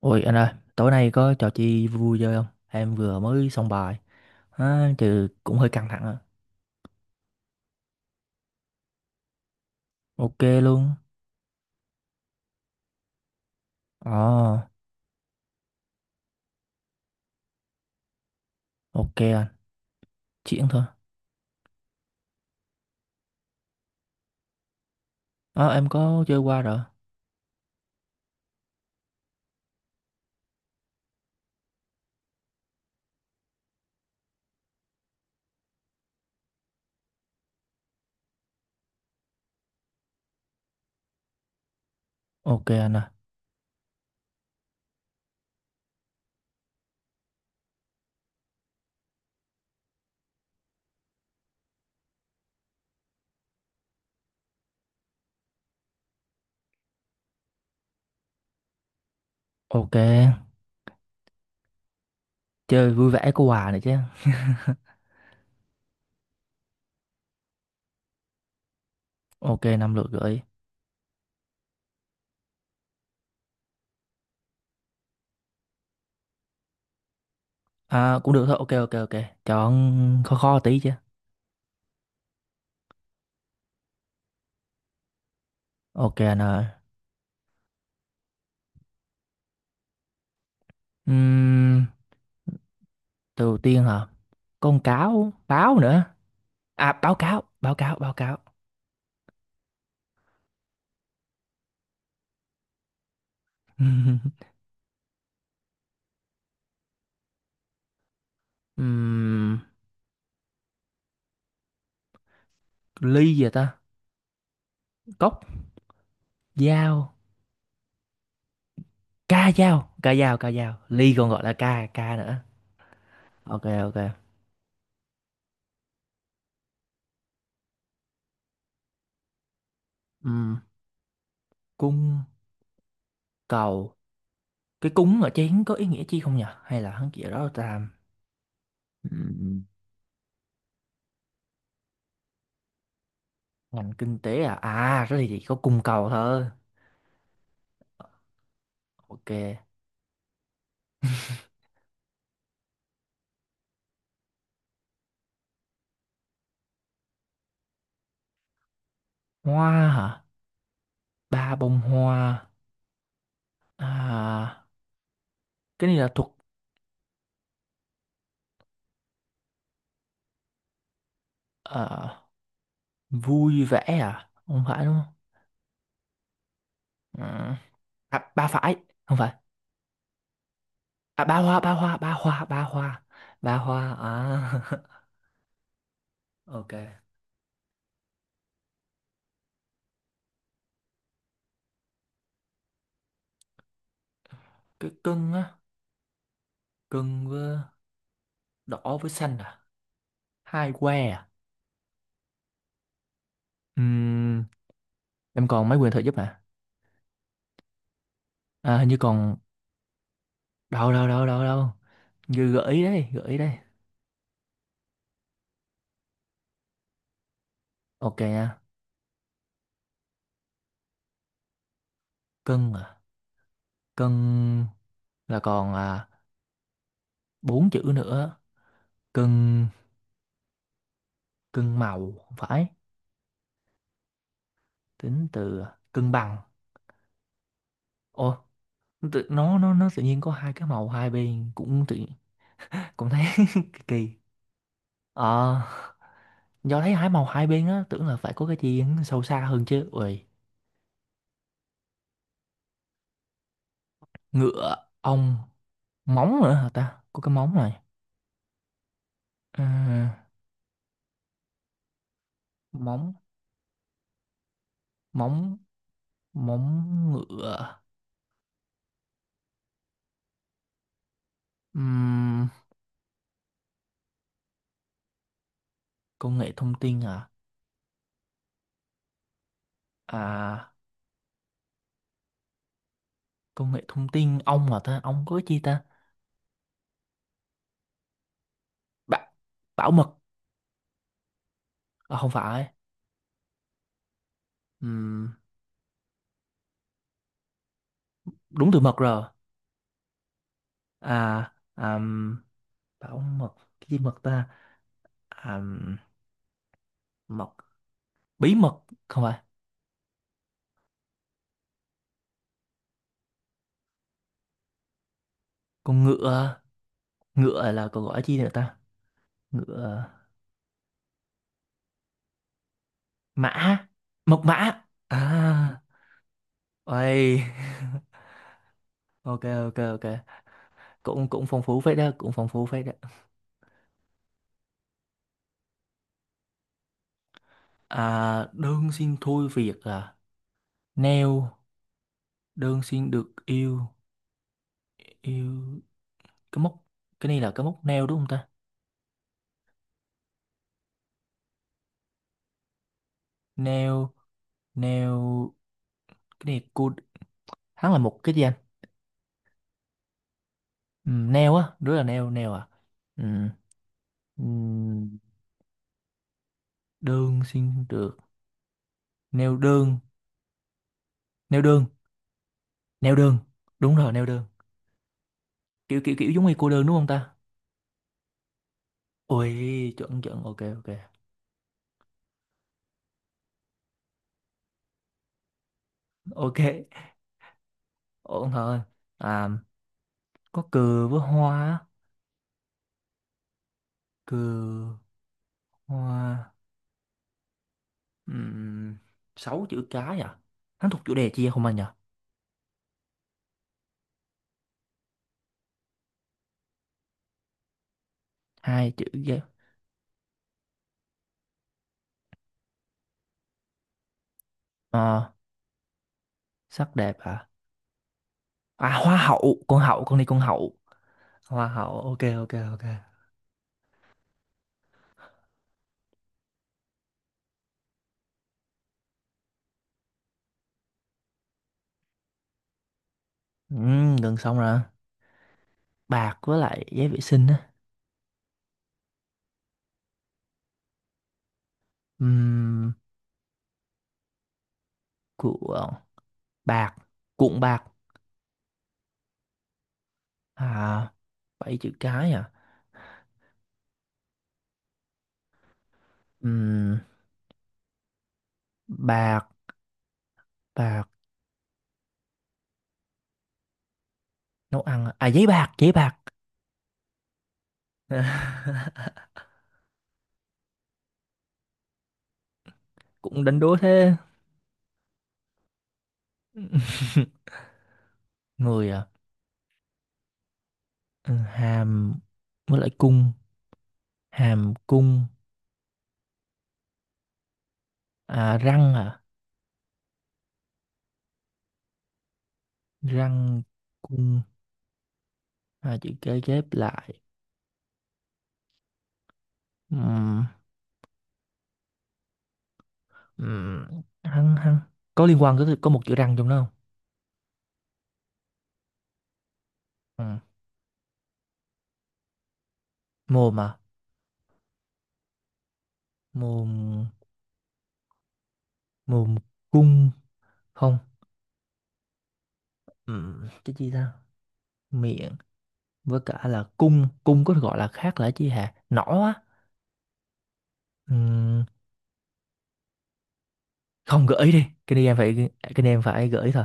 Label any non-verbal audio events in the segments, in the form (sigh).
Ôi anh ơi, tối nay có trò chi vui vui chơi không? Em vừa mới xong bài, trừ cũng hơi căng thẳng ạ. Ok luôn. Ồ, ok anh, chuyển thôi. Ờ, em có chơi qua rồi. Ok anh à, ok. Chơi vui vẻ có quà này chứ. Ok, 5 lượt gửi. Cũng được thôi, ok ok ok. Chọn khó khó tí chứ. Ok anh ơi. Uhm, từ đầu tiên hả? Con cáo, báo nữa. À, báo cáo, báo cáo, báo cáo. (laughs) Ừm, ly gì vậy ta? Cốc. Dao. Ca dao, ca dao, ca dao. Ly còn gọi là ca ca nữa. Ok ok. Ừm, Cung cầu. Cái cúng ở chén có ý nghĩa chi không nhỉ? Hay là hắn chỉ đó là ta. ừm, Ngành kinh tế à? À thế thì chỉ có cung cầu thôi. Ok. Hoa hả? Ba bông hoa. À, cái này là thuộc ờ, vui vẻ à? Không phải đúng không? Ừm, À, ba phải. Không phải. À, ba hoa, ba hoa, ba hoa, ba hoa. Ba hoa à? (laughs) Ok. Cái cưng á. Cưng với đỏ với xanh à? Hai que à? Ừm, em còn mấy quyền trợ giúp hả? À, hình như còn. Đâu đâu đâu đâu đâu, như gợi ý đây, gợi ý đây. Ok nha. Cưng à? Cưng là còn 4 chữ nữa. Cưng, cưng màu không phải. Tính từ. Cân bằng. Ô, nó nó tự nhiên có hai cái màu hai bên cũng tự, cũng thấy (laughs) kỳ kỳ. Ờ, do thấy hai màu hai bên á, tưởng là phải có cái gì sâu xa hơn chứ, ui. Ngựa. Ong. Móng nữa hả ta, có cái móng này. Ờ, móng, móng, móng ngựa. Ừm, công nghệ thông tin hả? À, công nghệ thông tin, ong hả ta, ong có cái chi ta. Bảo, bảo mật. Không phải. Ừm, đúng từ mật rồi. à àm, bảo mật, cái gì mật ta? à, mật, bí mật. Không phải. Con ngựa. Ngựa là còn gọi là chi nữa ta? Ngựa. Mã. Mật mã à? Ôi, (laughs) ok ok ok. Cũng cũng phong phú phết đó, cũng phong phú phết đó. À, đơn xin thôi việc à? Nail. Đơn xin được yêu, yêu. Cái móc. Cái này là cái móc nail đúng không ta? Nail, nail. Cái này, cô, hắn là một cái gì anh. Ừ, nail á, đứa là nail, nail à. Ừ. Ừ, đơn xin được. Nail đơn. Nail đơn. Nail đơn, đúng rồi, nail đơn. Kiểu kiểu kiểu giống như cô đơn đúng không ta? Ôi, chuẩn chuẩn, ok ok ok. Ủa ông thợ ơi, à, có cừ với hoa, á. Cừ, hoa. um, 6 chữ cái à? Hắn thuộc chủ đề chi không anh nhỉ? Hai chữ ghép. Ờ, sắc đẹp à? À, hoa hậu, con đi con hậu. Hoa hậu, ok ok ok. Gần xong rồi. Bạc với lại giấy vệ sinh á. Ừm, của bạc, cuộn bạc. À, 7 chữ cái à? Ừm, bạc, bạc. Nấu ăn à? À, giấy bạc, giấy bạc. (laughs) Cũng đánh đố thế. (laughs) Người à. Ừ, hàm với lại cung, hàm cung, à, răng à. Răng. Cung. Hai chữ kế ghép lại. Ừm, hăng hăng, có liên quan, có một chữ răng trong đó không? Ừm, mồm à. Mồm. Mồm cung. Không. Cái gì ta? Miệng. Với cả là cung, cung có gọi là khác là chi hả, nỏ á. Ừm, không, gợi ý đi, cái này em phải, cái này em phải gợi ý thôi.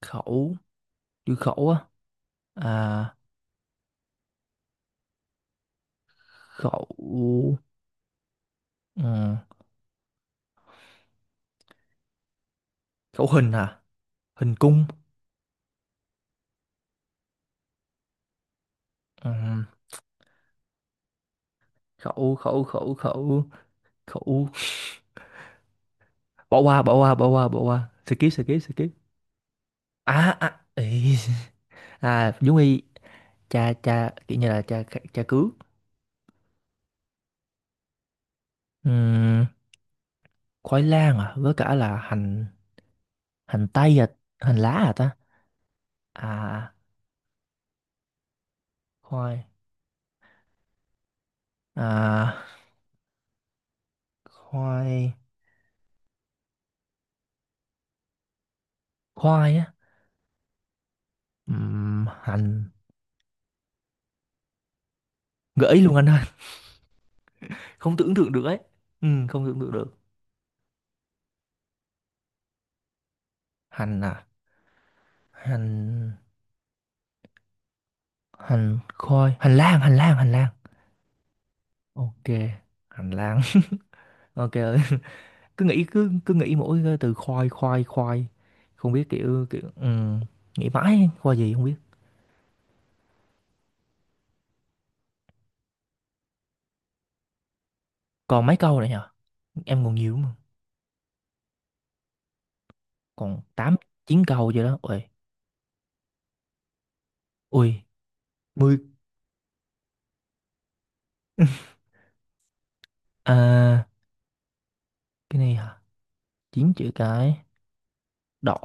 Khẩu. Chữ khẩu á? À, khẩu. Ừ, khẩu hình à? Hình cung. Ừ, khẩu, khẩu, khẩu, khẩu, khẩu. Bỏ qua, bỏ qua, bỏ qua, bỏ qua, skip, skip, skip. À, à, ý. À giống y, cha cha kiểu như là cha. Cha cứu. Ừm, khoai lang à, với cả là hành. Hành tây à? Hành lá à ta? À, khoai. À, khoai. Khoai á. Hành. Gợi ý luôn anh ơi, không tưởng tượng được ấy, ừ, không tưởng tượng được. Hành à? Hành, hành khói, hành lang, hành lang, hành lang. Ok, hành lang. (laughs) Ok ơi. (laughs) Cứ nghĩ, cứ cứ nghĩ mỗi cái từ khoai, khoai, khoai, không biết, kiểu kiểu, ừ, nghĩ mãi khoai gì không biết. Còn mấy câu nữa nhở? Em còn nhiều mà. Còn tám, chín câu vậy đó, ui. Ui, mười. (laughs) À, cái này hả? 9 chữ cái. Đỏ,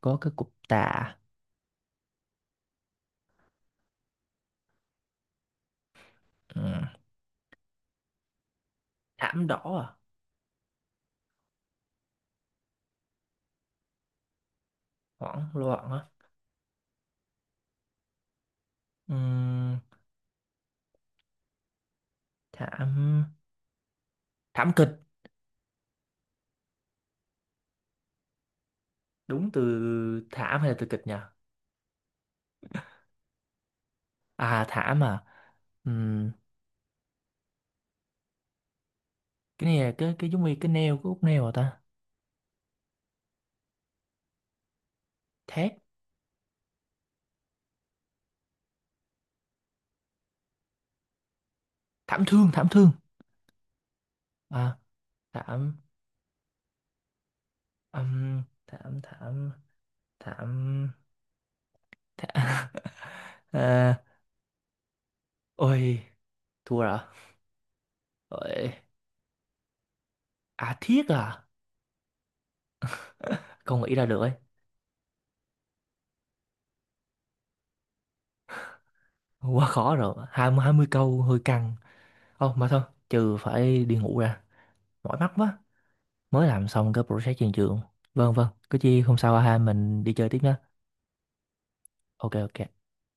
có cái cục tạ. Ừ. Thảm đỏ à? Hoảng loạn á. Ừ. Thảm. Thảm kịch. Đúng từ thảm hay là từ kịch nhỉ? À, thảm à. Ừm, cái này là cái giống như cái neo, cái út neo hả ta? Thét. Thảm thương, thảm thương. À, thảm. Thảm, thảm, thảm, thảm. (laughs) À, ôi. Thua rồi, ôi. À, thiết à? Không nghĩ ra được ấy. Quá khó rồi, hai mươi câu hơi căng. Không mà thôi, trừ phải đi ngủ ra, mỏi mắt quá, mới làm xong cái project trên trường. Vâng vâng, cứ chi hôm sau ha, mình đi chơi tiếp nhé. Ok ok.